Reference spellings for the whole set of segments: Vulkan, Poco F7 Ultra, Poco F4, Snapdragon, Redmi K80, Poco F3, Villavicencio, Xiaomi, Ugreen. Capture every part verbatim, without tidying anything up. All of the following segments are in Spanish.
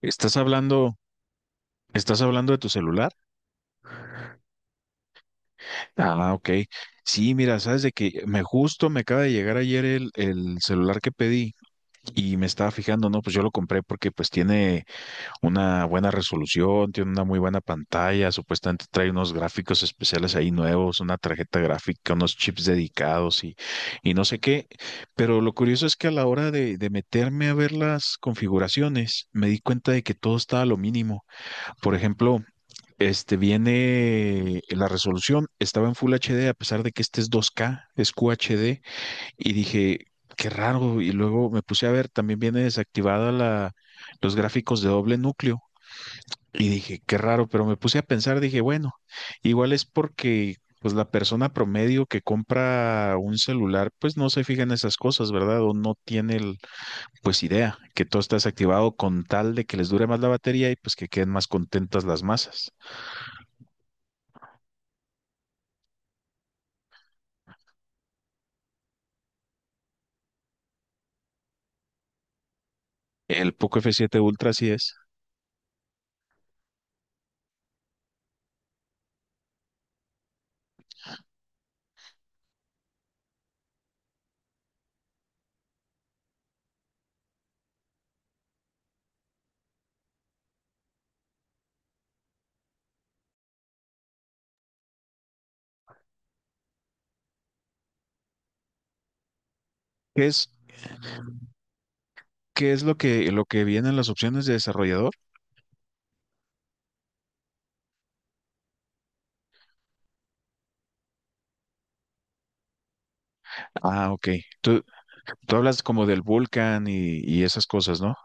¿Estás hablando, estás hablando de tu celular? Ah, ok. Sí, mira, sabes de que me justo me acaba de llegar ayer el, el celular que pedí y me estaba fijando, no, pues yo lo compré porque pues tiene una buena resolución, tiene una muy buena pantalla, supuestamente trae unos gráficos especiales ahí nuevos, una tarjeta gráfica, unos chips dedicados y, y no sé qué. Pero lo curioso es que a la hora de, de meterme a ver las configuraciones, me di cuenta de que todo estaba a lo mínimo. Por ejemplo, este viene la resolución, estaba en Full H D a pesar de que este es dos K, es Q H D, y dije, qué raro. Y luego me puse a ver, también viene desactivada la, los gráficos de doble núcleo. Y dije, qué raro, pero me puse a pensar, dije, bueno, igual es porque pues la persona promedio que compra un celular, pues no se fija en esas cosas, ¿verdad? O no tiene el, pues idea que todo está desactivado con tal de que les dure más la batería y pues que queden más contentas las masas. El Poco f siete Ultra sí es. ¿Qué es, qué es lo que, lo que viene en las opciones de desarrollador? Ah, ok. Tú, tú hablas como del Vulkan y, y esas cosas, ¿no?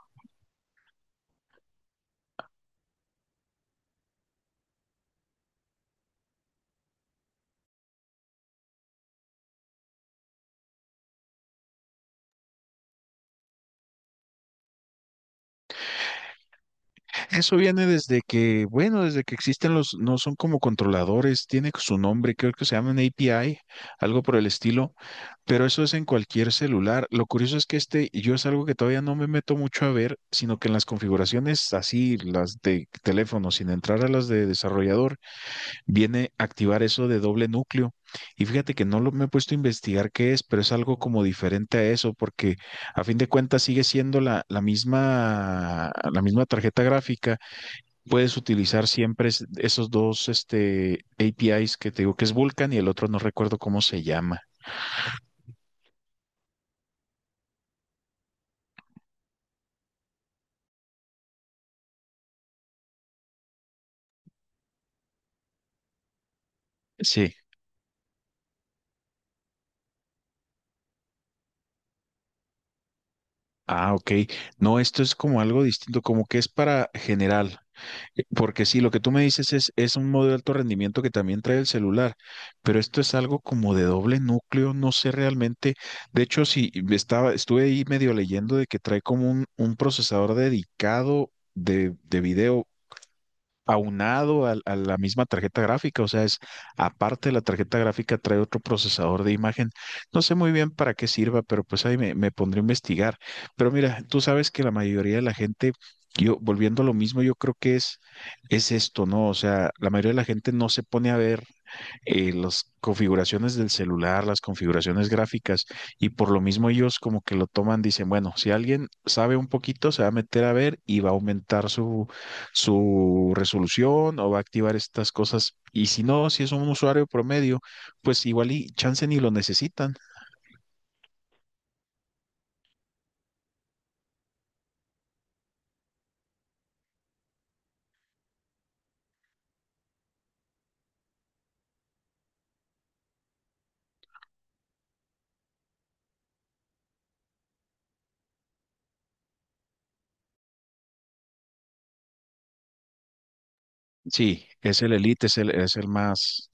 Eso viene desde que, bueno, desde que existen los, no son como controladores, tiene su nombre, creo que se llaman A P I, algo por el estilo, pero eso es en cualquier celular. Lo curioso es que este, yo es algo que todavía no me meto mucho a ver, sino que en las configuraciones así, las de teléfono, sin entrar a las de desarrollador, viene activar eso de doble núcleo. Y fíjate que no lo, me he puesto a investigar qué es, pero es algo como diferente a eso, porque a fin de cuentas sigue siendo la, la misma, la misma tarjeta gráfica. Puedes utilizar siempre es- esos dos este, A P I s que te digo que es Vulkan y el otro no recuerdo cómo se llama. Sí. Ah, ok. No, esto es como algo distinto, como que es para general. Eh, Porque sí, lo que tú me dices es, es un modo de alto rendimiento que también trae el celular, pero esto es algo como de doble núcleo, no sé realmente. De hecho, sí, estaba, estuve ahí medio leyendo de que trae como un, un procesador dedicado de, de video aunado al- a, la misma tarjeta gráfica, o sea, es aparte de la tarjeta gráfica trae otro procesador de imagen. No sé muy bien para qué sirva, pero pues ahí me, me pondré a investigar. Pero mira, tú sabes que la mayoría de la gente, yo volviendo a lo mismo, yo creo que es, es esto, ¿no? O sea, la mayoría de la gente no se pone a ver eh, las configuraciones del celular, las configuraciones gráficas, y por lo mismo ellos como que lo toman, dicen, bueno, si alguien sabe un poquito, se va a meter a ver y va a aumentar su su resolución o va a activar estas cosas. Y si no, si es un usuario promedio, pues igual y chance ni lo necesitan. Sí, es el Elite, es el, es el más,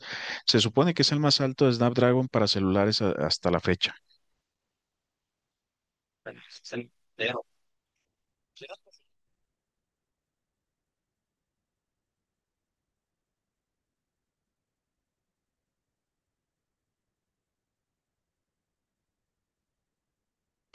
se supone que es el más alto de Snapdragon para celulares a- hasta la fecha.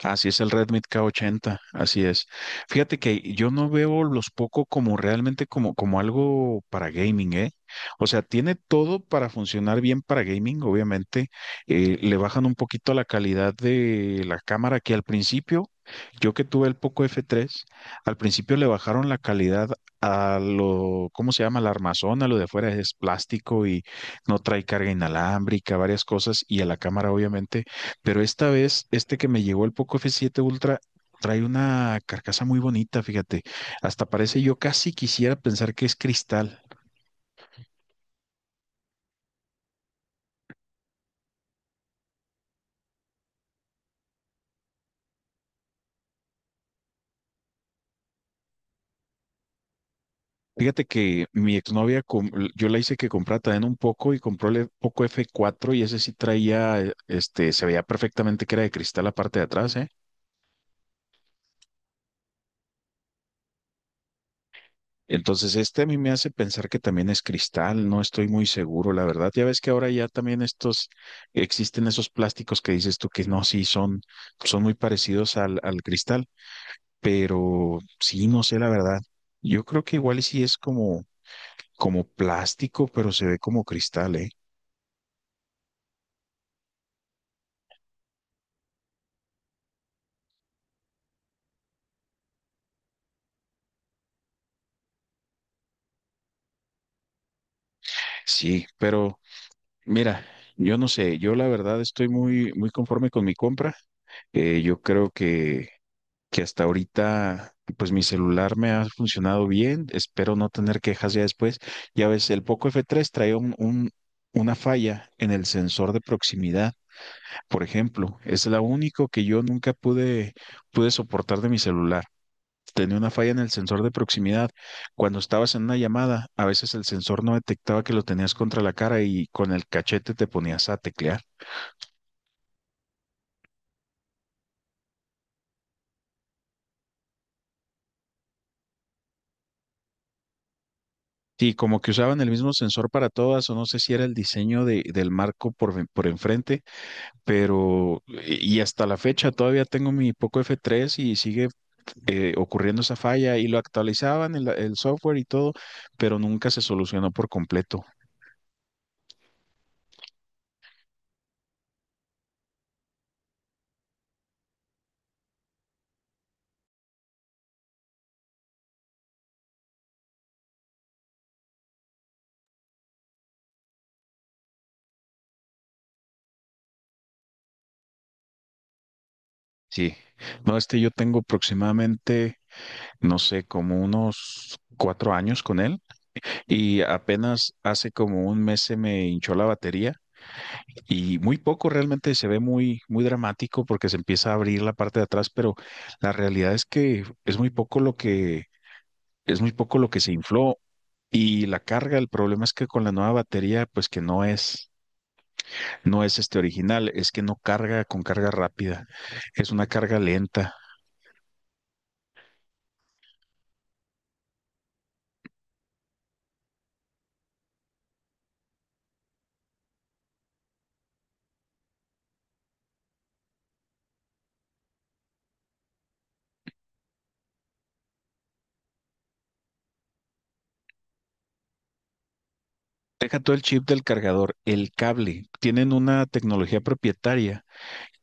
Así es el Redmi K ochenta, así es. Fíjate que yo no veo los Poco como realmente como, como algo para gaming, ¿eh? O sea, tiene todo para funcionar bien para gaming, obviamente. Eh, le bajan un poquito la calidad de la cámara que al principio, yo que tuve el Poco F tres, al principio le bajaron la calidad a lo, ¿cómo se llama? La armazón, a lo de afuera es plástico y no trae carga inalámbrica, varias cosas, y a la cámara obviamente pero esta vez, este que me llegó el Poco f siete Ultra trae una carcasa muy bonita, fíjate. Hasta parece, yo casi quisiera pensar que es cristal. Fíjate que mi exnovia, com- yo la hice que comprara también un poco y compró el Poco f cuatro y ese sí traía, eh, este, se veía perfectamente que era de cristal la parte de atrás, ¿eh? Entonces, este a mí me hace pensar que también es cristal, no estoy muy seguro, la verdad. Ya ves que ahora ya también estos, existen esos plásticos que dices tú que no, sí, son, son muy parecidos al, al cristal, pero sí, no sé, la verdad. Yo creo que igual y sí es como, como plástico, pero se ve como cristal, ¿eh? Sí, pero mira, yo no sé, yo la verdad estoy muy, muy conforme con mi compra. Eh, yo creo que que hasta ahorita, pues mi celular me ha funcionado bien, espero no tener quejas ya después. Ya ves, el Poco f tres trae un, un- una falla en el sensor de proximidad, por ejemplo, es la único que yo nunca pude, pude soportar de mi celular. Tenía una falla en el sensor de proximidad. Cuando estabas en una llamada, a veces el sensor no detectaba que lo tenías contra la cara y con el cachete te ponías a teclear. Sí, como que usaban el mismo sensor para todas, o no sé si era el diseño de- del marco por, ven- por enfrente, pero y hasta la fecha todavía tengo mi Poco f tres y sigue eh, ocurriendo esa falla y lo actualizaban el, el software y todo, pero nunca se solucionó por completo. Sí, no, este yo tengo aproximadamente, no sé, como unos cuatro años con él y apenas hace como un mes se me hinchó la batería y muy poco realmente se ve muy, muy dramático porque se empieza a abrir la parte de atrás, pero la realidad es que es muy poco lo que es muy poco lo que se infló y la carga, el problema es que con la nueva batería, pues que no es, no es este original, es que no carga con carga rápida, es una carga lenta. Deja todo el chip del cargador, el cable, tienen una tecnología propietaria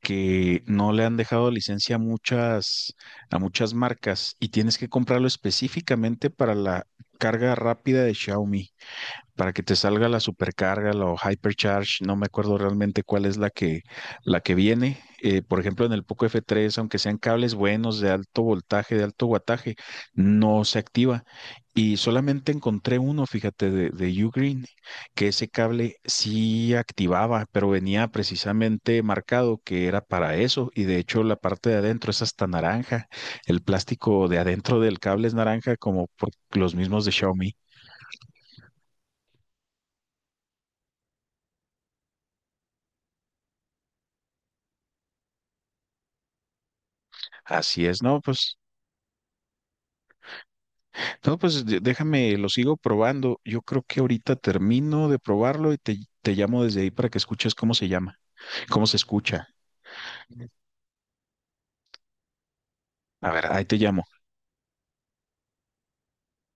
que no le han dejado licencia a muchas, a muchas marcas y tienes que comprarlo específicamente para la carga rápida de Xiaomi. Para que te salga la supercarga, la o hypercharge, no me acuerdo realmente cuál es la que, la que viene. Eh, por ejemplo, en el Poco f tres, aunque sean cables buenos de alto voltaje, de alto guataje, no se activa. Y solamente encontré uno, fíjate, de, de Ugreen, que ese cable sí activaba, pero venía precisamente marcado que era para eso. Y de hecho, la parte de adentro es hasta naranja. El plástico de adentro del cable es naranja, como por los mismos de Xiaomi. Así es, no, pues. No, pues de- déjame, lo sigo probando. Yo creo que ahorita termino de probarlo y te, te llamo desde ahí para que escuches cómo se llama, cómo se escucha. A ver, ahí te llamo.